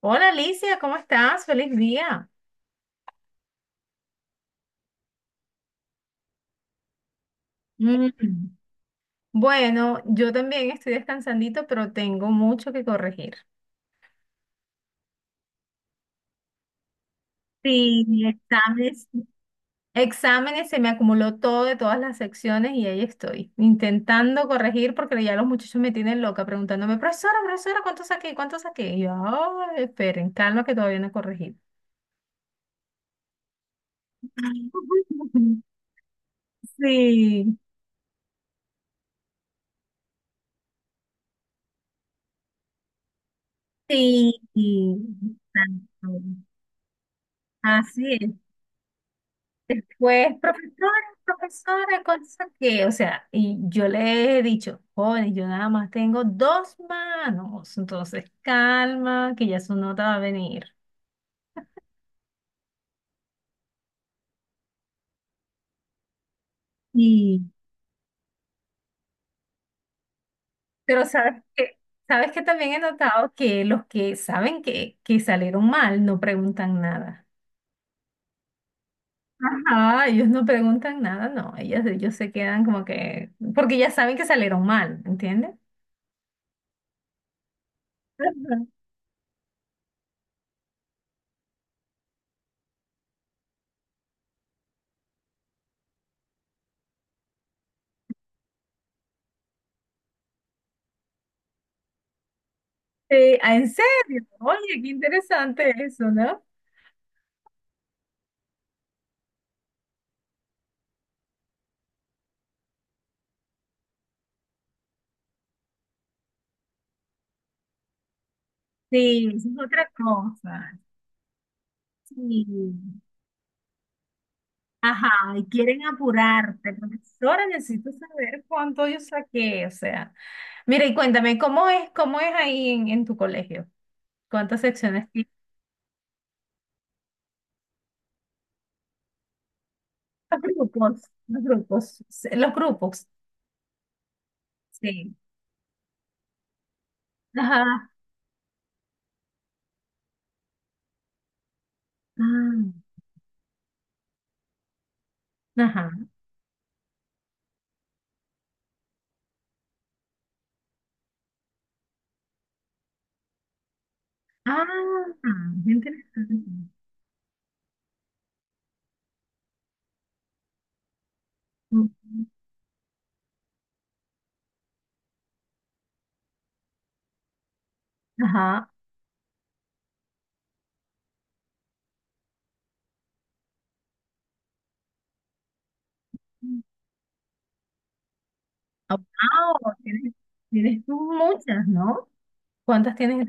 Hola Alicia, ¿cómo estás? Feliz día. Mm. Bueno, yo también estoy descansandito, pero tengo mucho que corregir. Sí, mis exámenes. Exámenes, se me acumuló todo de todas las secciones y ahí estoy, intentando corregir porque ya los muchachos me tienen loca preguntándome, profesora, profesora, ¿cuánto saqué? ¿Cuánto saqué? Y yo, "Ay, esperen, calma que todavía no he corregido." Sí, sí, sí, exacto. Así es. Pues, profesora, profesora, cosa que, o sea, y yo le he dicho, joven, yo nada más tengo dos manos, entonces calma, que ya su nota va a venir. Y Pero sabes que también he notado que los que saben que salieron mal no preguntan nada. Ajá, ellos no preguntan nada, no, ellos se quedan como que, porque ya saben que salieron mal, ¿entiendes? Ajá. En serio, oye, qué interesante eso, ¿no? Sí, eso es otra cosa. Sí. Ajá, y quieren apurarte. Profesora, necesito saber cuánto yo saqué. O sea, mira, y cuéntame, ¿cómo es ahí en tu colegio? ¿Cuántas secciones tienes? Los grupos, los grupos, sí, los grupos, sí. Ajá, ah, ajá. Ah, qué interesante. Ujú. Ajá. Ah, wow, tienes muchas, ¿no? ¿Cuántas tienes?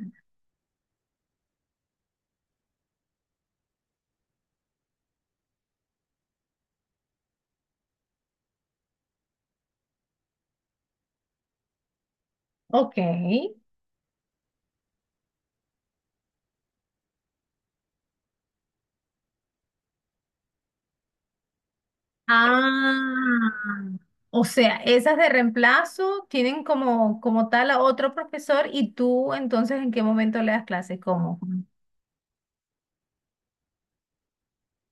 Ok. Ah, o sea, esas de reemplazo tienen como tal a otro profesor y tú entonces ¿en qué momento le das clases? ¿Cómo?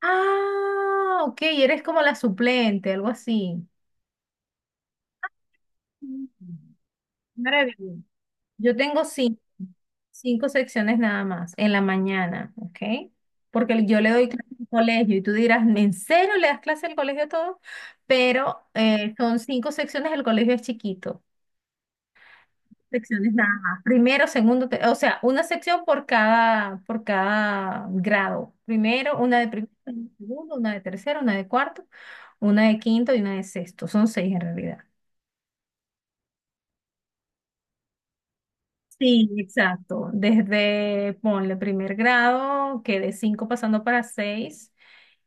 Ah, ok, eres como la suplente, algo así. Mm, maravilloso. Yo tengo cinco secciones nada más en la mañana, ¿ok? Porque yo le doy clases al colegio y tú dirás, ¿en serio le das clase al colegio todo? Pero son cinco secciones, el colegio es chiquito. Secciones nada más. Primero, segundo, o sea, una sección por cada grado. Primero, una de segundo, una de tercero, una de cuarto, una de quinto y una de sexto. Son seis en realidad. Sí, exacto. Desde, ponle primer grado, que de cinco pasando para seis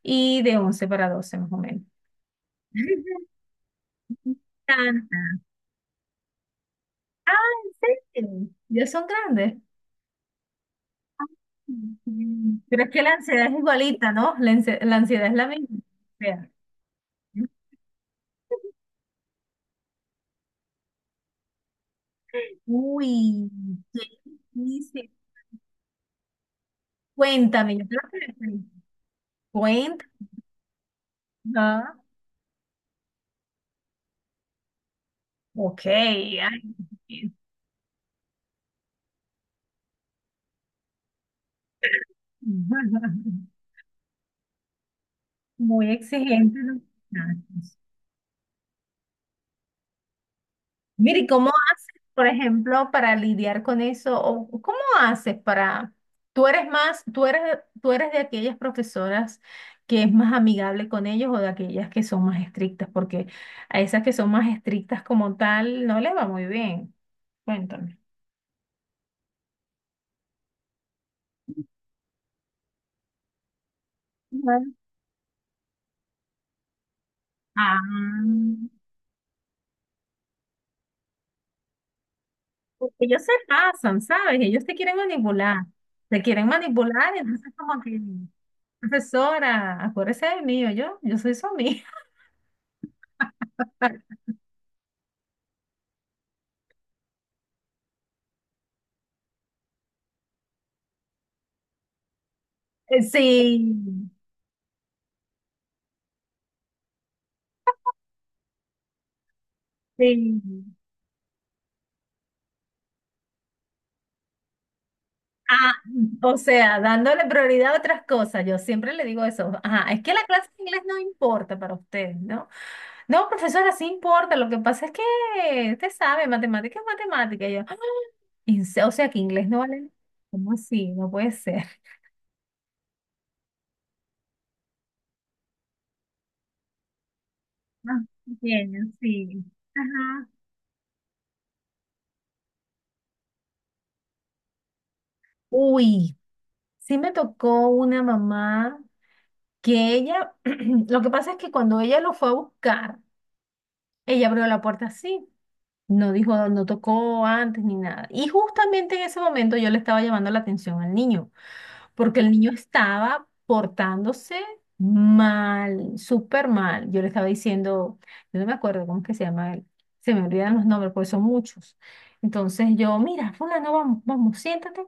y de 11 para 12 más o menos. tanta. Ah, ¿en serio? Ya son grandes. Mm. Pero es que la ansiedad es igualita, ¿no? La ansiedad es la misma. Uy, ¿qué dice? Cuéntame, yo creo que le pregunto. Cuéntame. Ajá. Ok, ay, bien. Muy exigente los muchachos. Mire, ¿y cómo, por ejemplo, para lidiar con eso? ¿O cómo haces para, tú eres más, tú eres de aquellas profesoras que es más amigable con ellos o de aquellas que son más estrictas? Porque a esas que son más estrictas como tal no les va muy bien. Cuéntame. Ah, porque ellos se pasan, ¿sabes? Ellos te quieren manipular, entonces como que, profesora, acuérdese de mí, yo soy su amiga. Sí, sí. Ah, o sea, dándole prioridad a otras cosas, yo siempre le digo eso, ajá, es que la clase de inglés no importa para usted, ¿no? No, profesora, sí importa, lo que pasa es que usted sabe, matemática es matemática, y yo, "Ah, o sea, que inglés no vale, ¿cómo así? No puede ser." Más pequeños, sí. Ajá. Uy, sí me tocó una mamá que ella, lo que pasa es que cuando ella lo fue a buscar, ella abrió la puerta así, no dijo, no tocó antes ni nada. Y justamente en ese momento yo le estaba llamando la atención al niño, porque el niño estaba portándose mal, súper mal. Yo le estaba diciendo, yo no me acuerdo cómo es que se llama él, se me olvidan los nombres, porque son muchos. Entonces yo, mira, fulano, vamos, vamos, siéntate.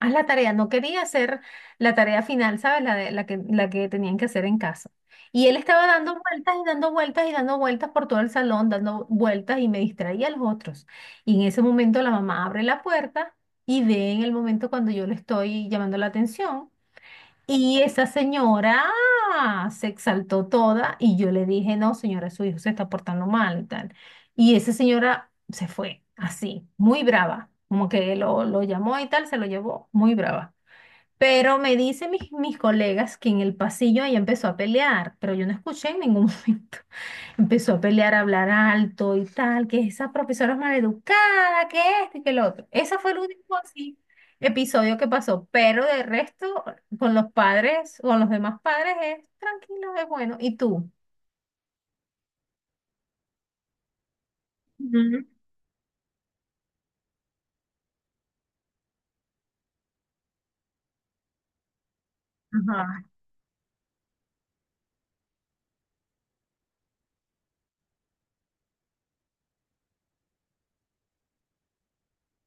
Haz la tarea, no quería hacer la tarea final, ¿sabes? La que tenían que hacer en casa. Y él estaba dando vueltas y dando vueltas y dando vueltas por todo el salón, dando vueltas y me distraía a los otros. Y en ese momento la mamá abre la puerta y ve en el momento cuando yo le estoy llamando la atención. Y esa señora se exaltó toda y yo le dije, no, señora, su hijo se está portando mal y tal. Y esa señora se fue así, muy brava, como que lo llamó y tal, se lo llevó, muy brava. Pero me dicen mis colegas que en el pasillo ella empezó a pelear, pero yo no escuché en ningún momento. Empezó a pelear, a hablar alto y tal, que esa profesora es maleducada, que esto y que lo otro. Ese fue el único así episodio que pasó, pero de resto, con los padres, con los demás padres es tranquilo, es bueno. ¿Y tú? Ujú. Ajá.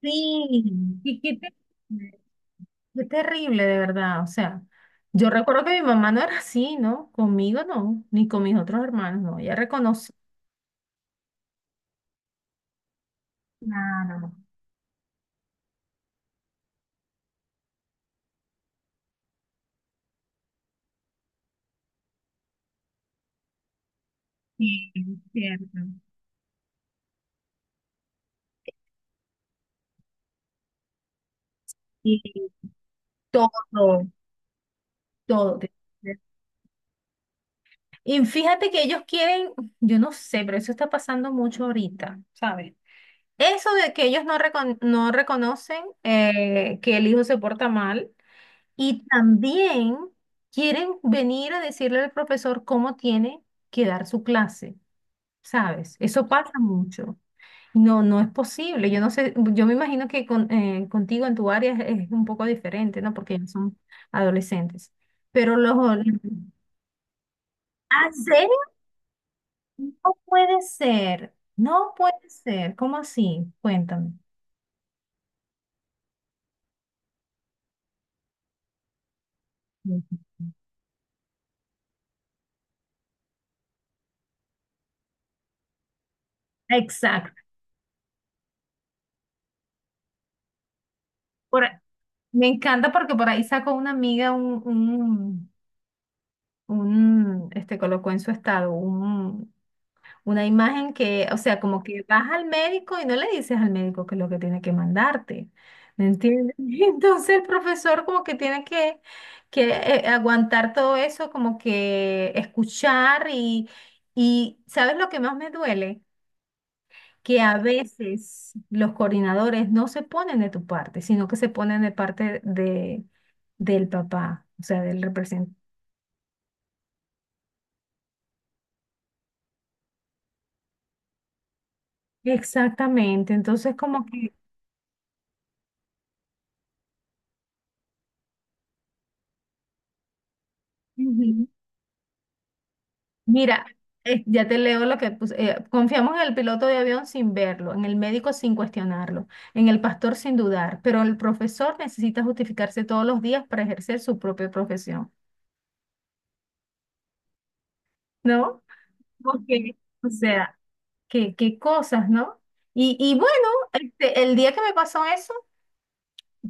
Sí, y qué, qué terrible, de verdad. O sea, yo recuerdo que mi mamá no era así, ¿no? Conmigo no, ni con mis otros hermanos, no. Ella reconoce. Claro, sí, es cierto. Y todo. Todo tiene que ver. Y fíjate que ellos quieren, yo no sé, pero eso está pasando mucho ahorita, ¿sabes? Eso de que ellos no reconocen que el hijo se porta mal y también quieren venir a decirle al profesor cómo tiene que dar su clase, ¿sabes? Eso pasa mucho. No, no es posible. Yo no sé, yo me imagino que contigo en tu área es, un poco diferente, ¿no? Porque ellos son adolescentes. Pero los... ¿Ah, sí? No puede ser, no puede ser. ¿Cómo así? Cuéntame. Ujú. Exacto. Por a- Me encanta porque por ahí sacó una amiga colocó en su estado una imagen que, o sea, como que vas al médico y no le dices al médico que es lo que tiene que mandarte. ¿Me entiendes? Entonces el profesor como que tiene que, aguantar todo eso, como que escuchar y ¿sabes lo que más me duele? Que a veces los coordinadores no se ponen de tu parte, sino que se ponen de parte del papá, o sea, del representante. Exactamente, entonces como que, ujú. Mira, ya te leo lo que puse, confiamos en el piloto de avión sin verlo, en el médico sin cuestionarlo, en el pastor sin dudar, pero el profesor necesita justificarse todos los días para ejercer su propia profesión, ¿no? Porque, o sea, qué cosas, ¿no? Y bueno, este, el día que me pasó eso,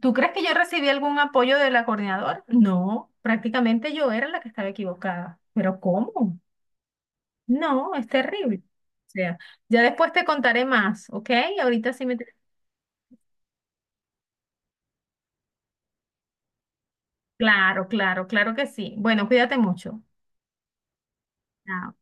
¿tú crees que yo recibí algún apoyo de la coordinadora? No, prácticamente yo era la que estaba equivocada. ¿Pero cómo? No, es terrible. O sea, ya después te contaré más, ¿ok? Ahorita sí me... Claro, claro, claro que sí. Bueno, cuídate mucho. Chao.